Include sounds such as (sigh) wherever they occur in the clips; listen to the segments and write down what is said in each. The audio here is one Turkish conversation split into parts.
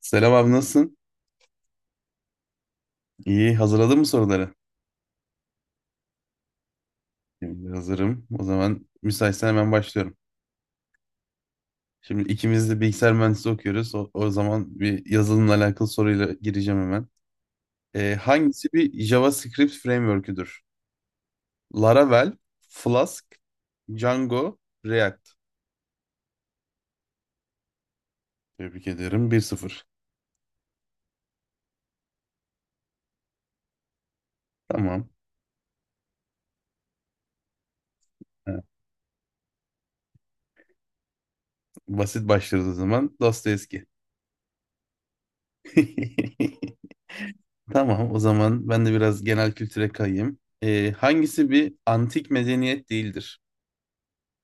Selam abi nasılsın? İyi, hazırladın mı soruları? Şimdi hazırım. O zaman müsaitsen hemen başlıyorum. Şimdi ikimiz de bilgisayar mühendisliği okuyoruz. O zaman bir yazılımla alakalı soruyla gireceğim hemen. Hangisi bir JavaScript framework'üdür? Laravel, Flask, Django, React. Tebrik ederim. 1-0. Tamam. Evet, basit başlıyoruz o zaman. Dostoyevski. (laughs) Tamam, o zaman ben de biraz genel kültüre kayayım. Hangisi bir antik medeniyet değildir?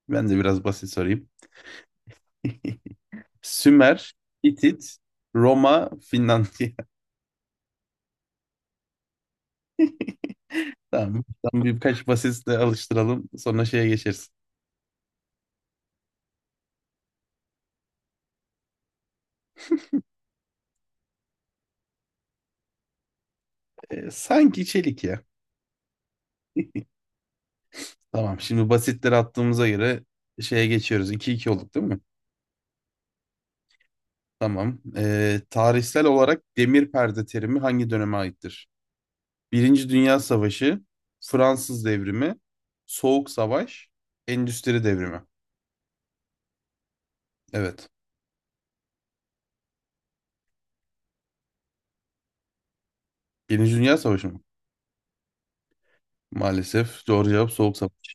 Ben de biraz basit sorayım. (laughs) Sümer, Hitit, Roma, Finlandiya. (laughs) Tamam. Tamam, birkaç basitle alıştıralım. Sonra şeye geçeriz. Sanki çelik ya. Tamam. Şimdi basitleri attığımıza göre şeye geçiyoruz. 2 iki olduk değil mi? Tamam. Tarihsel olarak demir perde terimi hangi döneme aittir? Birinci Dünya Savaşı, Fransız Devrimi, Soğuk Savaş, Endüstri Devrimi. Evet. Birinci Dünya Savaşı mı? Maalesef doğru cevap Soğuk Savaş.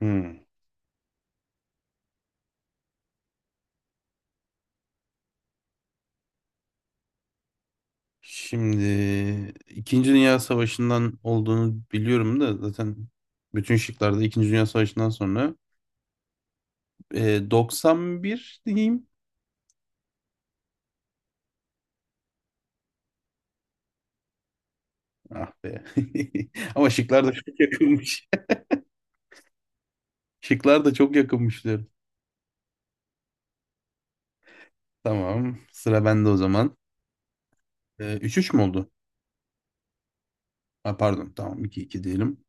Hmm. Şimdi İkinci Dünya Savaşı'ndan olduğunu biliyorum da zaten bütün şıklarda İkinci Dünya Savaşı'ndan sonra 91 diyeyim. Ah be. (laughs) Ama şıklar da çok yakınmış. (laughs) Şıklar da çok yakınmış diyorum. Tamam. Sıra bende o zaman. Üç 3 mü oldu? Ha, pardon. Tamam 2-2 diyelim.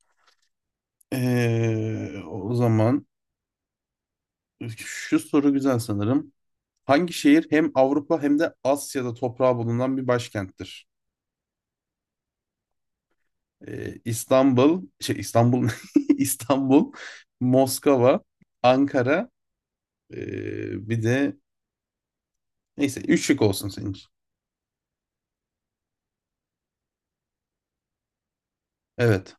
O zaman şu soru güzel sanırım. Hangi şehir hem Avrupa hem de Asya'da toprağı bulunan bir başkenttir? İstanbul, İstanbul, (laughs) İstanbul, Moskova, Ankara, bir de neyse üç şık olsun senin için. Evet.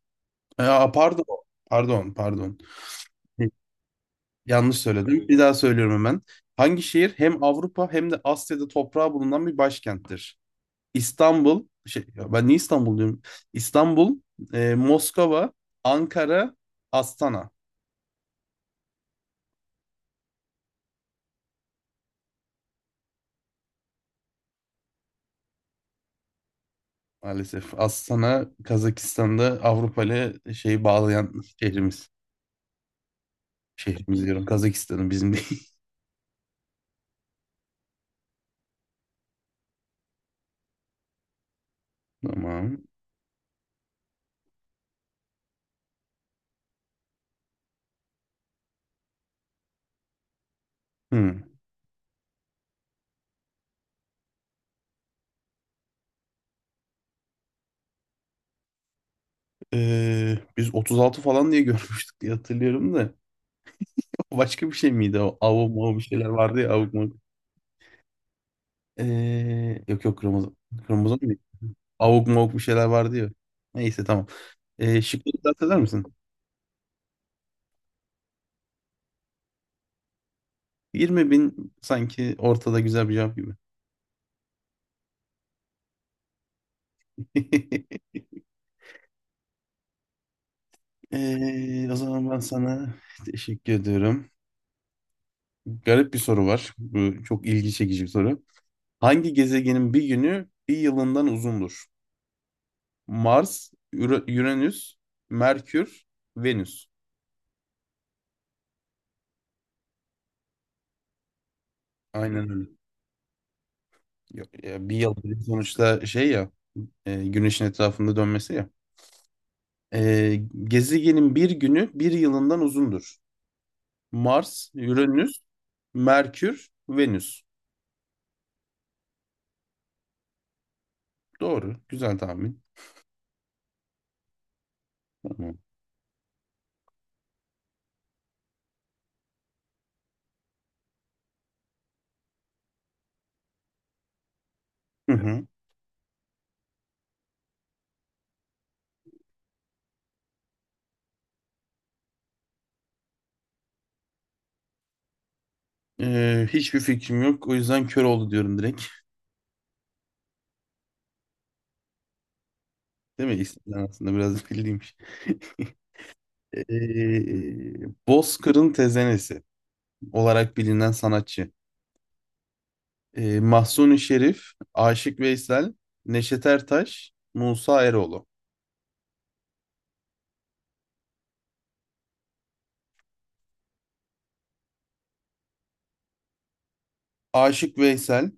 Aa, pardon, pardon, pardon. Yanlış söyledim. Bir daha söylüyorum hemen. Hangi şehir hem Avrupa hem de Asya'da toprağı bulunan bir başkenttir? İstanbul, şey ya ben niye İstanbul diyorum? İstanbul, Moskova, Ankara, Astana. Maalesef. Astana Kazakistan'da Avrupa ile şeyi bağlayan şehrimiz. Şehrimiz diyorum. Kazakistan'ın bizim değil. (laughs) Tamam. Hmm. Biz 36 falan diye görmüştük diye hatırlıyorum da. (laughs) Başka bir şey miydi o? Avuk mavuk bir şeyler vardı ya. Avuk mavuk. Yok yok kromozom. Kromozom değil. Avuk mavuk bir şeyler vardı ya. Neyse tamam. Şıkları dikkat eder misin? 20 bin sanki ortada güzel bir cevap gibi. (laughs) O zaman ben sana teşekkür ediyorum. Garip bir soru var. Bu çok ilgi çekici bir soru. Hangi gezegenin bir günü bir yılından uzundur? Mars, Uranüs, Merkür, Venüs. Aynen öyle. Ya- ya bir yıl dedi sonuçta şey ya, Güneş'in etrafında dönmesi ya. E, gezegenin bir günü bir yılından uzundur. Mars, Uranüs, Merkür, Venüs. Doğru. Güzel tahmin. Tamam. Hı hı. Hiçbir fikrim yok. O yüzden kör oldu diyorum. Değil mi? İsimler aslında biraz (laughs) bildiymiş. Bozkır'ın tezenesi olarak bilinen sanatçı. Mahsuni Şerif, Aşık Veysel, Neşet Ertaş, Musa Eroğlu. Aşık Veysel,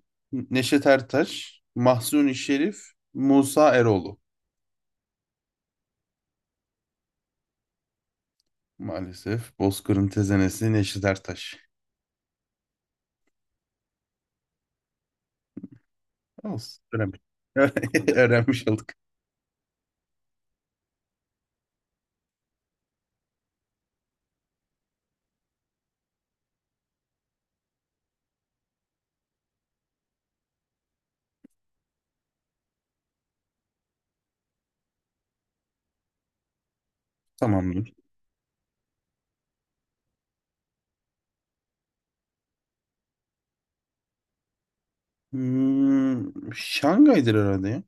Neşet Ertaş, Mahsuni Şerif, Musa Eroğlu. Maalesef Bozkır'ın tezenesi Neşet Ertaş. Olsun. Öğrenmiş. (laughs) Öğrenmiş olduk. Tamamdır. Hmm, Şangay'dır herhalde ya.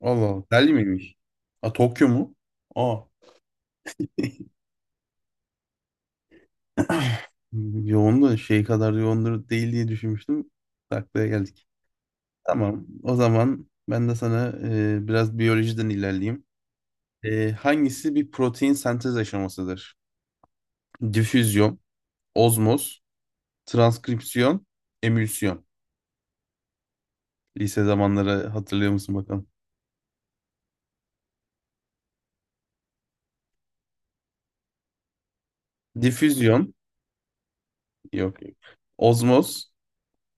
Allah Allah. Delhi miymiş? A Tokyo mu? Aa. Yoğun da şey kadar yoğundur değil diye düşünmüştüm. Taklaya geldik. Tamam. O zaman ben de sana biraz biyolojiden ilerleyeyim. Hangisi bir protein sentez aşamasıdır? Difüzyon, ozmoz, transkripsiyon, emülsiyon. Lise zamanları hatırlıyor musun bakalım? Difüzyon, yok. Yok. Ozmoz,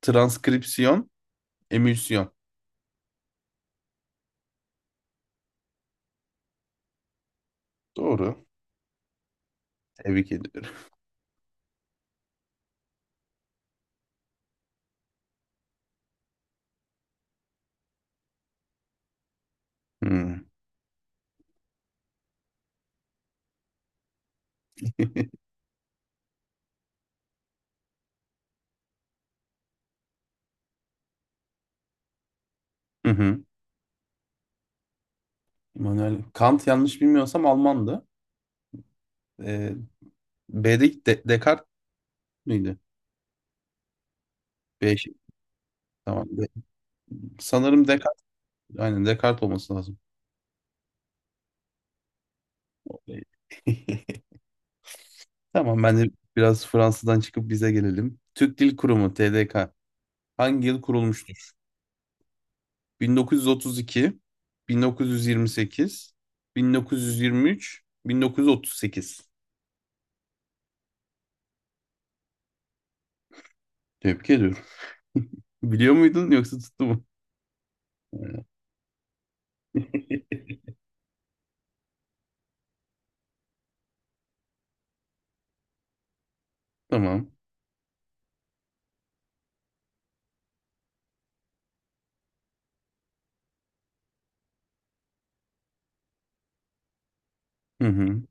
transkripsiyon, emülsiyon. Doğru. Tebrik ediyorum. Hmm. (laughs) Immanuel Kant yanlış bilmiyorsam Almandı. Ee, B'de Descartes miydi? B şık. Tamam. Sanırım Descartes. Aynen Descartes olması lazım. Ee, (laughs) Tamam ben de biraz Fransa'dan çıkıp bize gelelim. Türk Dil Kurumu TDK hangi yıl kurulmuştur? 1932, 1928, 1923, 1938. Tebrik ediyorum. Biliyor muydun yoksa tuttu mu? Ee, Tamam. Hı hı.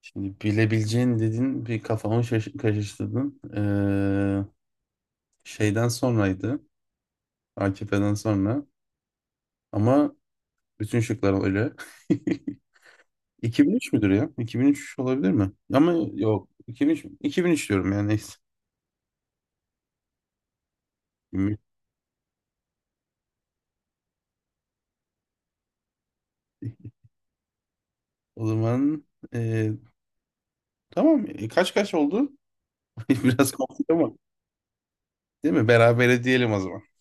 Şimdi bilebileceğin dedin bir kafamı karıştırdın. Şeyden sonraydı. AKP'den sonra. Ama bütün şıklar öyle. (laughs) 2003 müdür ya? 2003 olabilir mi? Ama yok. 2003, mü? 2003 diyorum yani neyse. 2003. O zaman ee, tamam. Kaç kaç oldu? (laughs) Biraz komik ama değil mi? Berabere diyelim o zaman.